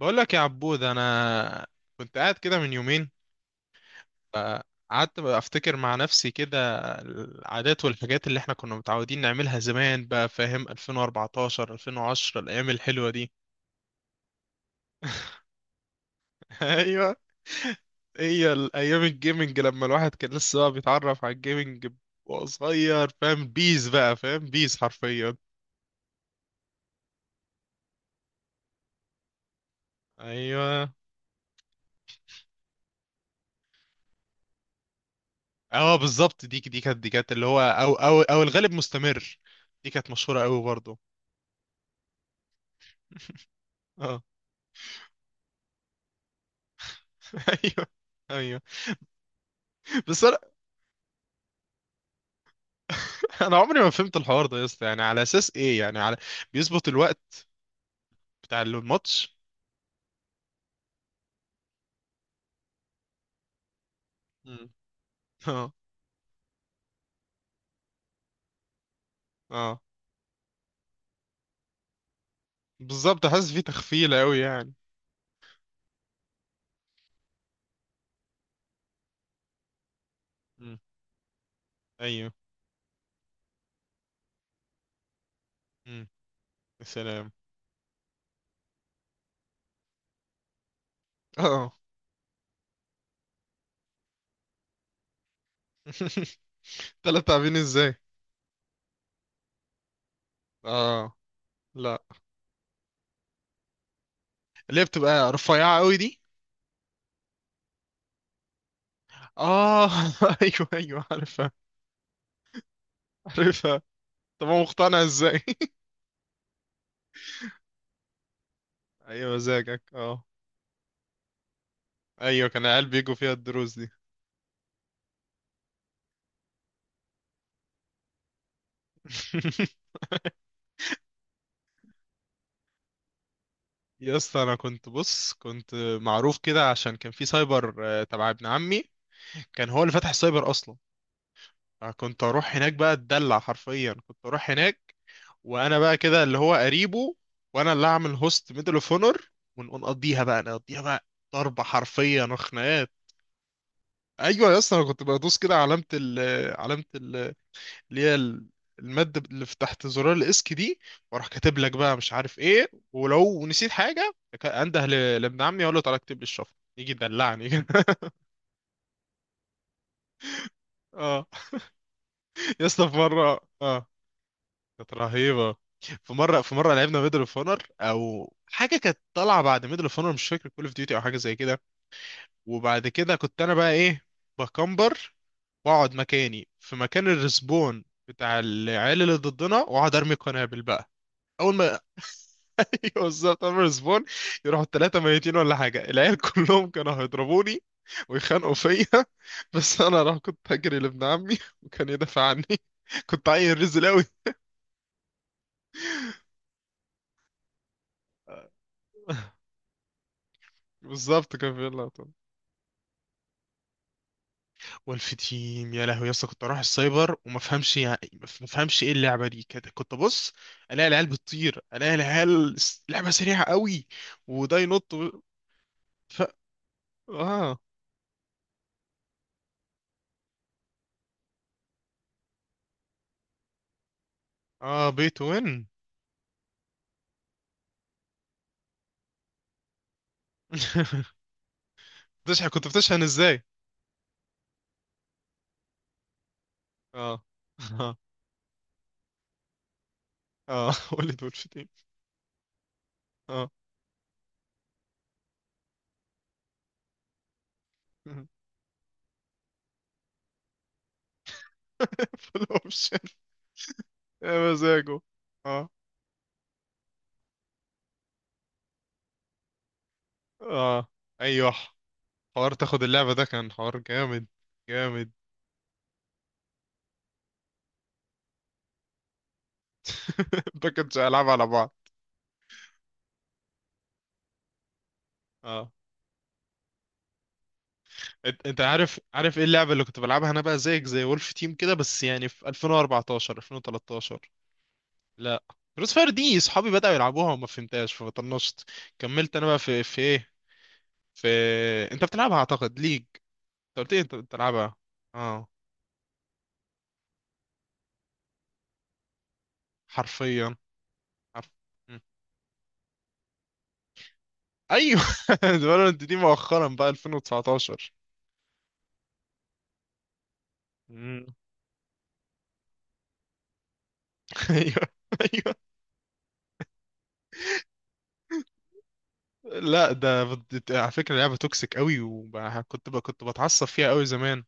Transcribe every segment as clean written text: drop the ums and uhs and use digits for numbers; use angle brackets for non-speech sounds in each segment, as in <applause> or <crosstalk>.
بقول لك يا عبود، انا كنت قاعد كده من يومين. قعدت بقى افتكر مع نفسي كده العادات والحاجات اللي احنا كنا متعودين نعملها زمان. بقى فاهم؟ 2014، 2010، الايام الحلوة دي. <laughs> ايوه. هي الايام الجيمنج لما الواحد كان لسه بقى بيتعرف على الجيمنج وهو صغير. فاهم بيز بقى فاهم بيز حرفيا. ايوه. اه بالظبط. دي كانت اللي هو او الغالب مستمر. دي كانت مشهورة قوي برضه. اه. <laughs> ايوه ايوه. بس انا. <laughs> انا عمري ما فهمت الحوار ده يا اسطى. يعني على اساس ايه؟ يعني على بيظبط الوقت بتاع الماتش. مم. <laughs> اه. اه بالظبط، حاسس فيه تخفيله قوي يعني. مم. ايوه. مم. يا سلام. اه. <laughs> تلات لاعبين ازاي؟ اه لا. اللي هي بتبقى رفيعه قوي دي. اه. <laughs> ايوه ايوه عارفها. عارفها. طب هو مقتنع ازاي؟ <laughs> ايوه مزاجك اه. ايوه كان العيال بيجوا فيها الدروس دي. <laughs> يا اسطى، انا كنت بص، كنت معروف كده عشان كان في سايبر تبع ابن عمي. كان هو اللي فتح السايبر اصلا. كنت اروح هناك بقى اتدلع حرفيا، كنت اروح هناك وانا بقى كده اللي هو قريبه، وانا اللي اعمل هوست ميدل اوف اونر. ونقضيها بقى نقضيها بقى. ضرب حرفيا وخناقات. ايوه يا اسطى. انا كنت بدوس كده علامة ال، علامة اللي هي المادة اللي في تحت زرار الاسك دي، واروح كاتب لك بقى مش عارف ايه. ولو نسيت حاجة، انده لابن عمي اقول له تعالى اكتب لي الشفرة، يجي يدلعني كده. <laughs> اه يا اسطى في مرة. اه. كانت رهيبة. في مرة لعبنا ميدل اوف اونر او حاجة كانت طالعة بعد ميدل اوف اونر، مش فاكر، كول اوف ديوتي او حاجة زي كده. وبعد كده كنت انا بقى ايه، بكمبر واقعد مكاني في مكان الرسبون بتاع العيال اللي ضدنا، واقعد ارمي قنابل بقى اول ما. <laughs> ايوه بالظبط عمر سبون، يروحوا الثلاثه ميتين ولا حاجه. العيال كلهم كانوا هيضربوني ويخانقوا فيا. <laughs> بس انا راح كنت هجري لابن عمي، وكان يدافع عني. <laughs> كنت عيل رزل قوي. <laughs> بالظبط، كان في اللقطه. والفتيم يا لهوي يا اسطى، كنت اروح السايبر وما افهمش. يعني ما افهمش ايه اللعبه دي، كانت- كنت ابص الاقي العيال بتطير، الاقي العيال لعبه سريعه قوي وده ينط و... ف... اه. اه بيت وين. <laughs> بتشحن؟ كنت بتشحن ازاي؟ اه. <laughs> اه. <laughs> قول لي دول في تاني. اه. <laughs> فول اوبشن. يا مزاجه. اه. اه ايوه. حوار تاخد اللعبة ده كان حوار جامد. جامد. <laughs> ده كنتش العاب على بعض. اه. انت عارف ايه اللعبة اللي كنت بلعبها انا بقى زيك زي وولف تيم كده، بس يعني في 2014، 2013. لا. كروس فاير دي صحابي بدأوا يلعبوها وما فهمتهاش فطنشت. كملت انا بقى في ايه، في انت بتلعبها اعتقد ليج. انت قلت لي انت بتلعبها. اه حرفيا. حرف. ايوه. <laughs> فالورانت دي مؤخرا بقى 2019. مم. <laughs> ايوه ايوه. لا ده على فكره لعبه توكسيك قوي، وكنت كنت بتعصب فيها قوي زمان.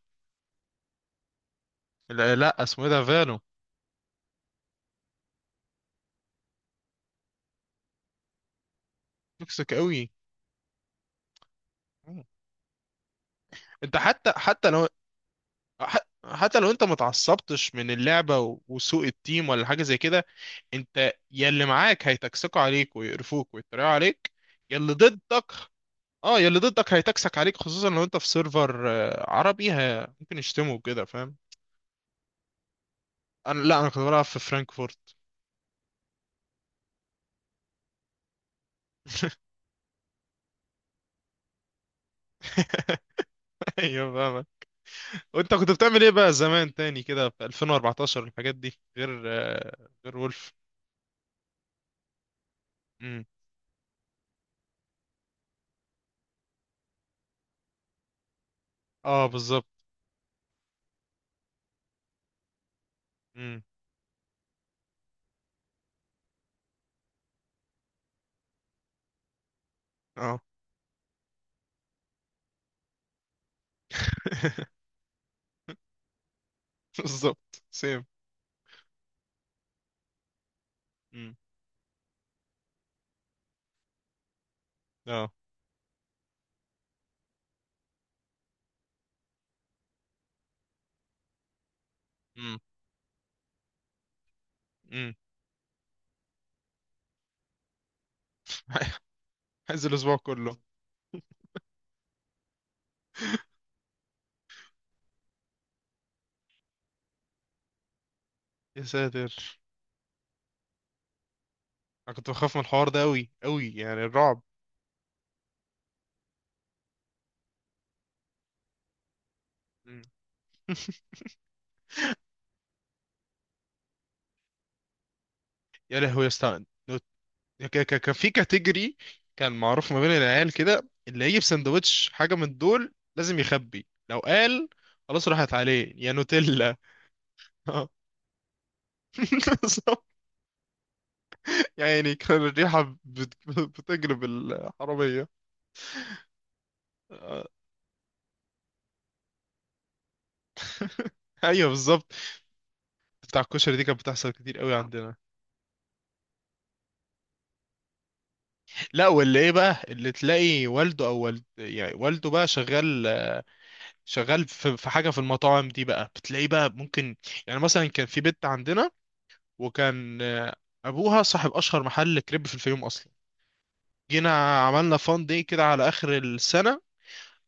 لا، لا اسمه ايه ده فالو. توكسيك قوي. مم. انت حتى لو. ح... حتى لو انت ما اتعصبتش من اللعبه وسوء التيم ولا حاجه زي كده، انت يا اللي معاك هيتكسكوا عليك ويقرفوك ويتريقوا عليك يا اللي ضدك. اه يا اللي ضدك هيتكسك عليك، خصوصا لو انت في سيرفر عربي. ممكن يشتموا كده فاهم. انا لا، انا كنت بلعب في فرانكفورت. <laughs> ايوه فاهمة. وانت كنت بتعمل ايه بقى زمان تاني كده في 2014، الحاجات دي غير غير وولف. امم. اه بالظبط. امم. اه. <laughs> بالظبط سيم. امم. اه. امم. امم. <laughs> عايز الاسبوع كله. يا ساتر. انا كنت بخاف من الحوار ده قوي قوي يعني الرعب. مم. <laughs> يا لهوي يا اسطى. كان في كاتيجوري. كان معروف ما بين العيال كده، اللي يجيب سندوتش حاجة من دول لازم يخبي. لو قال خلاص راحت عليه يا نوتيلا. <laughs> بالظبط. يعني كان الريحة بتجلب الحرامية. آه، ايوه بالظبط. بتاع الكشري دي كانت بتحصل كتير قوي عندنا. لا، واللي ايه بقى اللي تلاقي والده او والد، يعني والده بقى شغال. شغال في حاجة في المطاعم دي بقى، بتلاقيه بقى ممكن. يعني مثلا كان في بنت عندنا، وكان ابوها صاحب اشهر محل كريب في الفيوم اصلا. جينا عملنا فان دي كده على اخر السنه،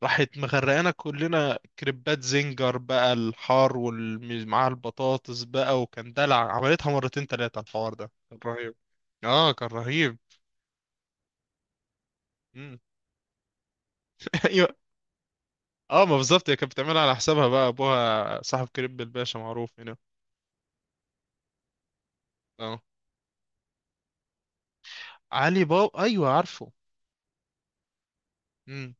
راحت مغرقانا كلنا كريبات زنجر بقى الحار ومعاها البطاطس بقى. وكان دلع، عملتها مرتين تلاتة الحوار ده كان رهيب. اه كان رهيب. مم. <laughs> ايوه. اه ما بالظبط، هي كانت بتعملها على حسابها بقى، ابوها صاحب كريب الباشا معروف هنا. اه علي بابا ايوه عارفه. امم.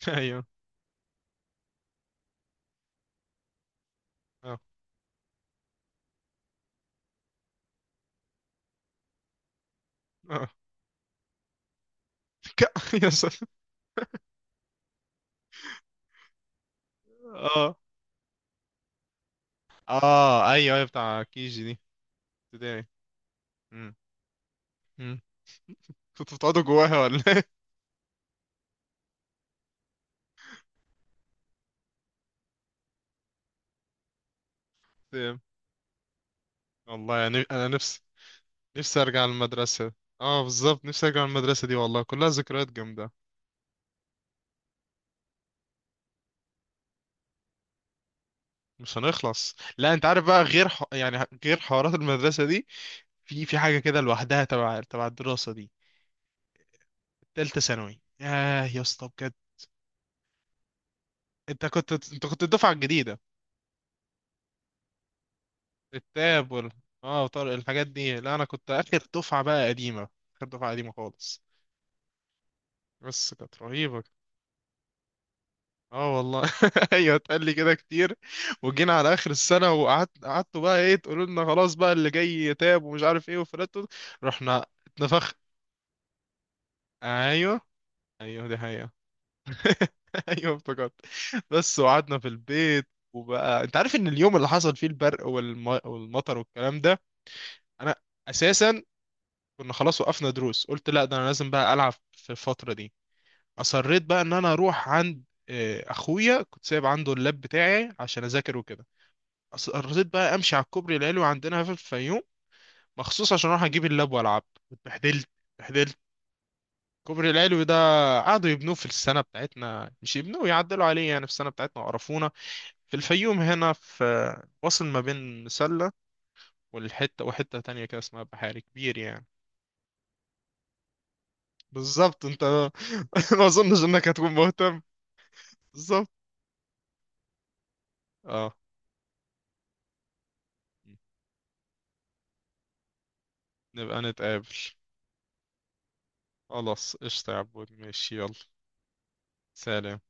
<laughs> ايوه. اه. اه. <laughs> يا سلام. اه ايوه ايوه بتاع كيجي دي. ابتدائي. مم. مم. كنتوا بتقعدوا جواها ولا ايه؟ <laughs> والله يعني انا نفسي. نفسي ارجع المدرسه. اه بالظبط، نفسي ارجع المدرسه دي، والله كلها ذكريات جامده. مش هنخلص. لا انت عارف بقى، غير يعني غير حوارات المدرسه دي في حاجه كده لوحدها تبع الدراسه دي. تالتة ثانوي ياه يا اسطى بجد. انت كنت الدفعه الجديده. التاب وال... اه وطارق الحاجات دي. لا انا كنت اخر دفعه بقى قديمه، اخر دفعه قديمه خالص، بس كانت رهيبة. اه والله. <laughs> ايوه اتقال لي كده كتير. وجينا على اخر السنه وقعدت قعدتوا بقى ايه، تقولوا لنا خلاص بقى اللي جاي يتاب ومش عارف ايه، وفلاتوا. رحنا اتنفخ. ايوه ايوه دي حقيقه. <laughs> ايوه افتكرت. بس وقعدنا في البيت، وبقى انت عارف ان اليوم اللي حصل فيه البرق والمطر والكلام ده، انا اساسا كنا خلاص وقفنا دروس. قلت لا ده انا لازم بقى العب في الفتره دي. اصريت بقى ان انا اروح عند اخويا، كنت سايب عنده اللاب بتاعي عشان اذاكر وكده. رضيت بقى امشي على الكوبري العلوي عندنا في الفيوم مخصوص عشان اروح اجيب اللاب والعب. اتبهدلت. اتبهدلت. الكوبري العلوي ده قعدوا يبنوه في السنه بتاعتنا، مش يبنوه يعدلوا عليه يعني في السنه بتاعتنا وقرفونا. في الفيوم هنا في، وصل ما بين مسله والحته وحته تانية كده اسمها بحاري كبير يعني. بالظبط انت. <laughs> ما اظنش انك هتكون مهتم. بالظبط. اه. نبقى نتقابل. خلاص قشطة يا عبود، ماشي، يلا. سلام.